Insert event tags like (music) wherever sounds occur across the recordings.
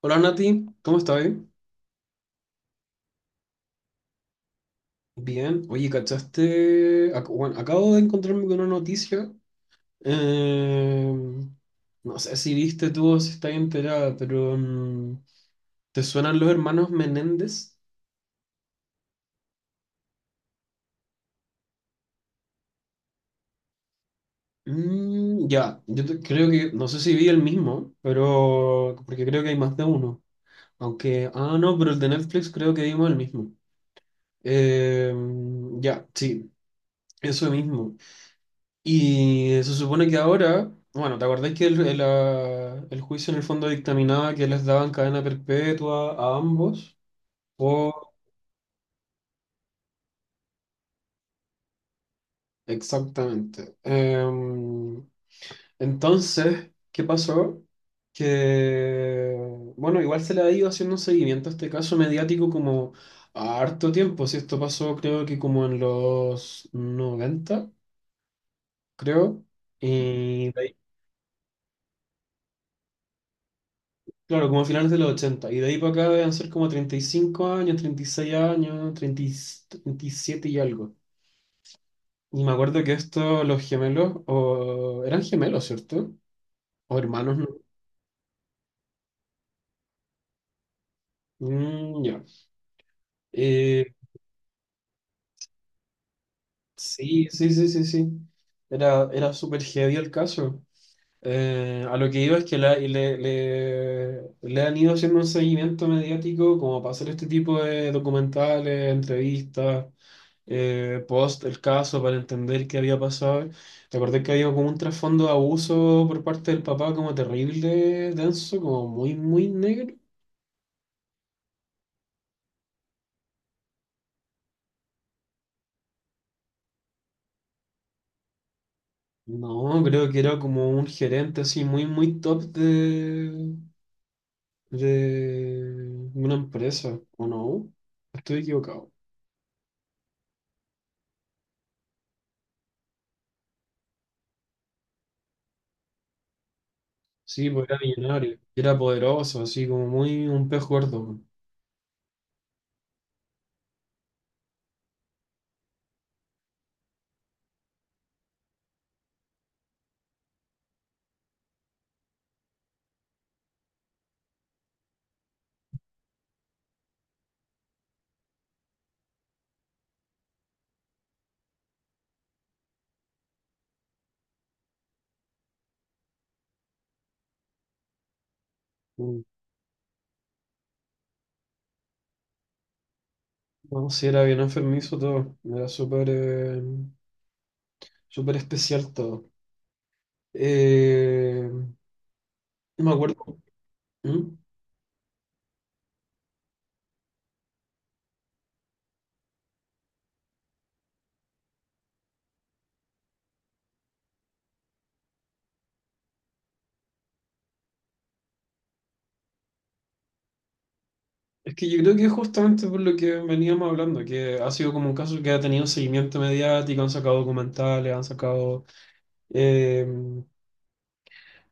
Hola Nati, ¿cómo estás? Bien, oye, ¿cachaste? Bueno, acabo de encontrarme con una noticia. eh, no sé si viste tú o si estás enterada, pero ¿te suenan los hermanos Menéndez? Mm, ya, creo que, no sé si vi el mismo, pero porque creo que hay más de uno. No, pero el de Netflix creo que vimos el mismo. Eh, ya, sí, eso mismo. Y se supone que ahora, bueno, ¿te acordáis que el juicio en el fondo dictaminaba que les daban cadena perpetua a ambos? O exactamente. Entonces, ¿qué pasó? Que, bueno, igual se le ha ido haciendo un seguimiento a este caso mediático como a harto tiempo. Si esto pasó, creo que como en los 90 creo. Y de ahí claro, como a finales de los ochenta. Y de ahí para acá deben ser como 35 años, 36 años, 37 y algo. Y me acuerdo que estos, los gemelos, o eran gemelos, ¿cierto? O hermanos, ¿no? Mm, ya. Eh, sí, sí, sí, sí, sí. Era súper heavy el caso. A lo que iba es que le han ido haciendo un seguimiento mediático como para hacer este tipo de documentales, entrevistas. Post el caso para entender qué había pasado. Te acordé que había como un trasfondo de abuso por parte del papá, como terrible, denso, como muy negro. No, creo que era como un gerente así, muy top de una empresa, ¿o no? Estoy equivocado. Sí, pues era millonario, era poderoso, así como muy un pez gordo. Mm. No, sí, era bien enfermizo todo, era súper súper especial todo. Eh, no me acuerdo. ¿Mm? Es que yo creo que es justamente por lo que veníamos hablando, que ha sido como un caso que ha tenido seguimiento mediático, han sacado documentales, han sacado eh,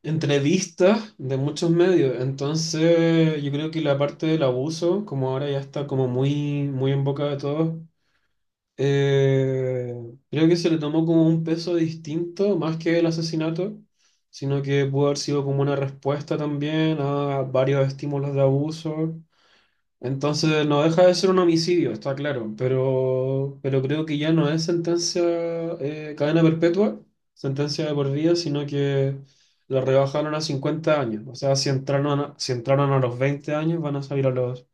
entrevistas de muchos medios. Entonces, yo creo que la parte del abuso, como ahora ya está como muy, muy en boca de todos, Eh, creo que se le tomó como un peso distinto, más que el asesinato, sino que pudo haber sido como una respuesta también a varios estímulos de abuso. Entonces no deja de ser un homicidio, está claro, pero creo que ya no es sentencia cadena perpetua, sentencia de por vida, sino que la rebajaron a 50 años. O sea, si entraron a, si entraron a los 20 años, van a salir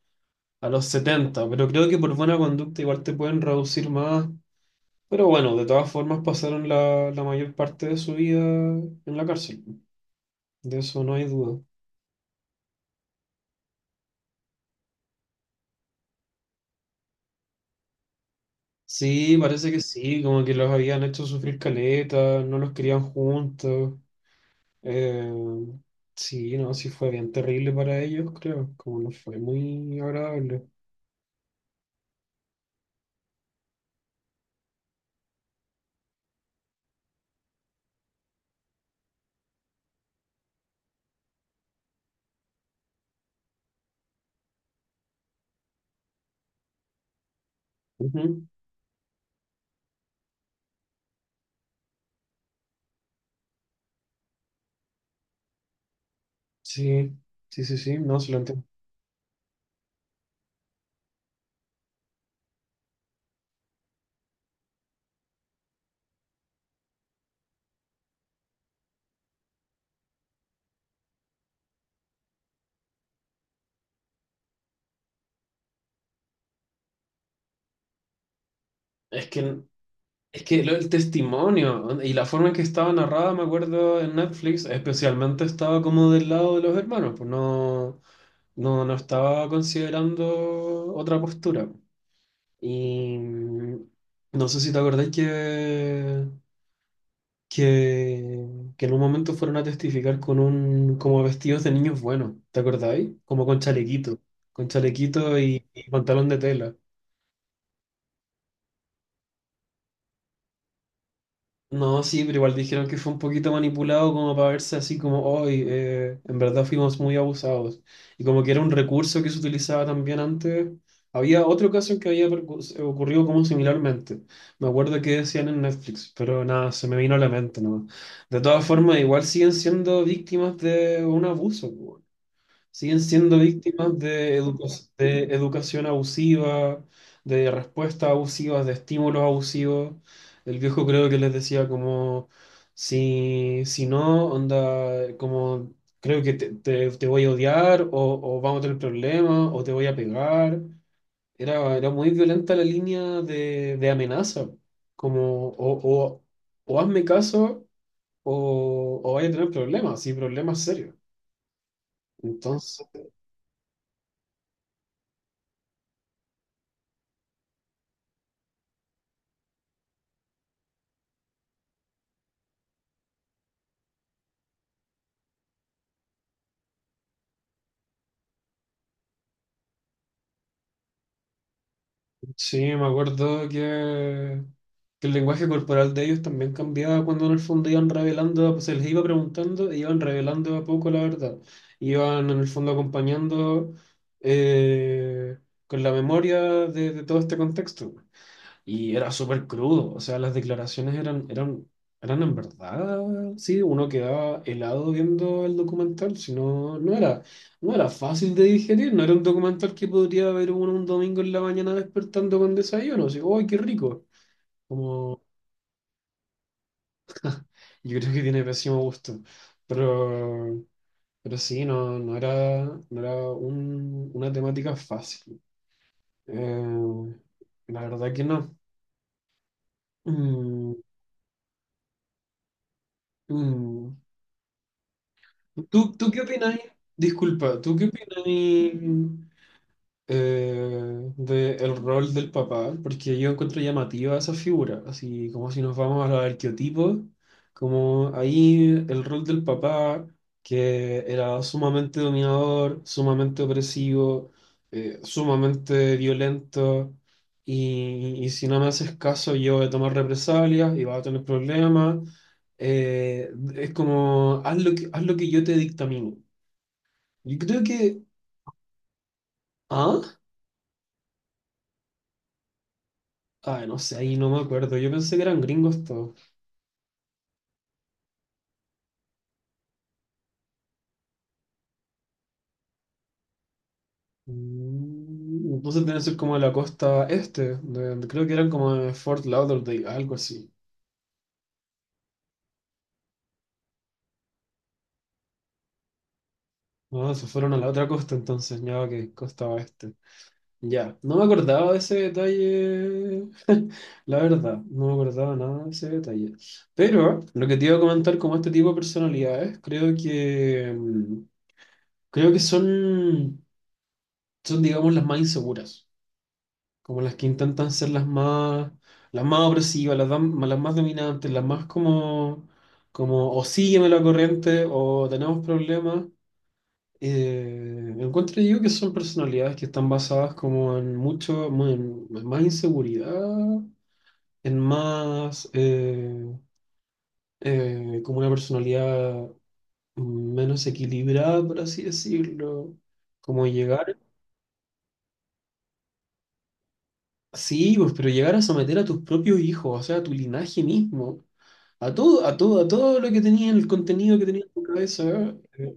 a los 70 pero creo que por buena conducta igual te pueden reducir más pero bueno, de todas formas pasaron la, la mayor parte de su vida en la cárcel. De eso no hay duda. Sí, parece que sí, como que los habían hecho sufrir caleta, no los querían juntos. Eh, sí, no, sí fue bien terrible para ellos, creo. Como no fue muy agradable. Ujú, Sí, sí, sí, sí, no, se lo entiendo. Es que, es que lo- El testimonio y la forma en que estaba narrada, me acuerdo en Netflix, especialmente estaba como del lado de los hermanos, pues no. No, no estaba considerando otra postura. Y no sé si te acordáis que, que en un momento fueron a testificar con un, como vestidos de niños buenos, ¿te acordáis? Como con chalequito y pantalón de tela. No, sí, pero igual dijeron que fue un poquito manipulado como para verse así como hoy, en verdad fuimos muy abusados. Y como que era un recurso que se utilizaba también antes. Había otro caso que había ocurrido como similarmente. Me acuerdo que decían en Netflix, pero nada, se me vino a la mente nomás. De todas formas, igual siguen siendo víctimas de un abuso, siguen siendo víctimas de, de educación abusiva, de respuestas abusivas, de estímulos abusivos. El viejo creo que les decía como, si, si no, onda, como, creo que te voy a odiar o vamos a tener problemas o te voy a pegar. Era muy violenta la línea de amenaza, como, o, o hazme caso o vaya a tener problemas, sí, problemas serios. Entonces… Sí, me acuerdo que el lenguaje corporal de ellos también cambiaba cuando en el fondo iban revelando, pues se les iba preguntando, e iban revelando de a poco la verdad. Iban en el fondo acompañando eh, con la memoria de todo este contexto. Y era súper crudo, o sea, las declaraciones eran en verdad, sí, uno quedaba helado viendo el documental, no era fácil de digerir, no era un documental que podría ver uno un domingo en la mañana despertando con desayuno, así, ¡ay, qué rico! Yo creo que tiene pésimo gusto, pero, pero sí, no era una temática fácil. Eh, la verdad que no. Mm, mm. ¿Tú qué opináis? Disculpa, ¿tú qué opináis? De el rol del papá, porque yo encuentro llamativa esa figura, así como si nos vamos a los arqueotipos, como ahí el rol del papá, que era sumamente dominador, sumamente opresivo, sumamente violento, y si no me haces caso yo voy a tomar represalias y vas a tener problemas. Es como, haz lo que yo te dictamino. Yo creo que… ¿Ah? Ay, no sé, ahí no me acuerdo. Yo pensé que eran gringos todos. Mm, entonces deben ser como de la costa este. Creo que eran como de Fort Lauderdale, algo así. Ah, se fueron a la otra costa entonces, ya que costa oeste. Ya, no me acordaba de ese detalle. (laughs) La verdad, no me acordaba nada de ese detalle. Pero lo que te iba a comentar como este tipo de personalidades, creo que creo que son digamos las más inseguras. Como las que intentan ser las más opresivas, las más dominantes, las más como, como o sígueme la corriente o tenemos problemas. Encuentro yo que son personalidades que están basadas como en más inseguridad, en más como una personalidad menos equilibrada, por así decirlo. Como llegar, sí, pues, pero llegar a someter a tus propios hijos, o sea, a tu linaje mismo. A todo lo que tenía, el contenido que tenía en tu cabeza, eh,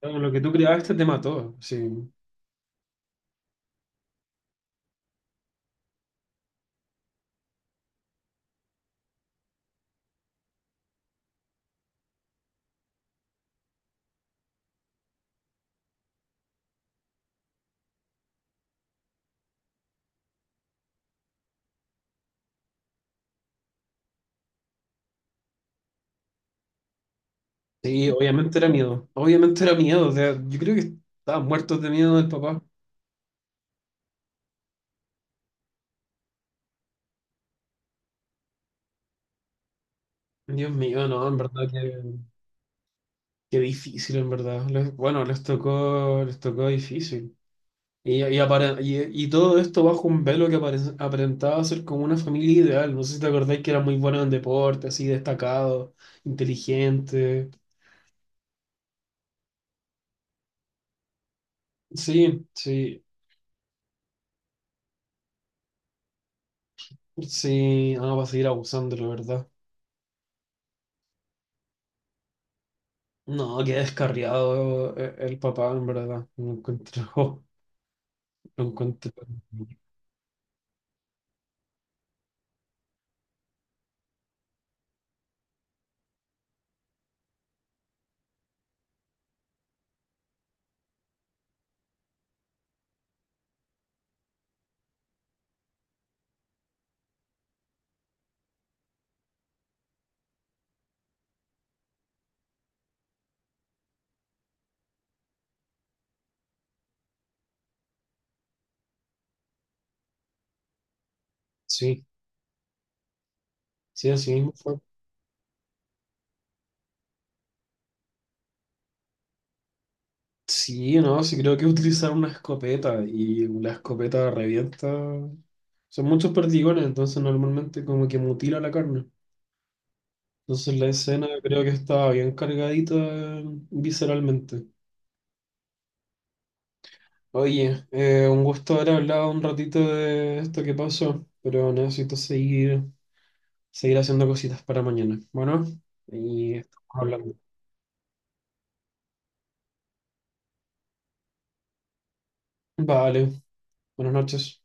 todo lo que tú creaste te mató. Sí, sí, obviamente era miedo. Obviamente era miedo. O sea, yo creo que estaban muertos de miedo del papá. Dios mío, no, en verdad que difícil, en verdad. Bueno, les tocó difícil. Y todo esto bajo un velo que aparentaba ser como una familia ideal. No sé si te acordáis que era muy bueno en deporte, así destacado, inteligente. Sí, sí. Sí, ah, va a seguir abusando, la verdad. No, qué descarriado el papá, en verdad. Lo encuentro, (laughs) lo encuentro. Sí, sí, así mismo fue. Sí, no, sí creo que utilizar una escopeta y la escopeta revienta. Son muchos perdigones, entonces normalmente como que mutila la carne. Entonces la escena creo que estaba bien cargadita visceralmente. Oye, un gusto haber hablado un ratito de esto que pasó, pero necesito seguir haciendo cositas para mañana. Bueno, y estamos hablando. Vale, buenas noches.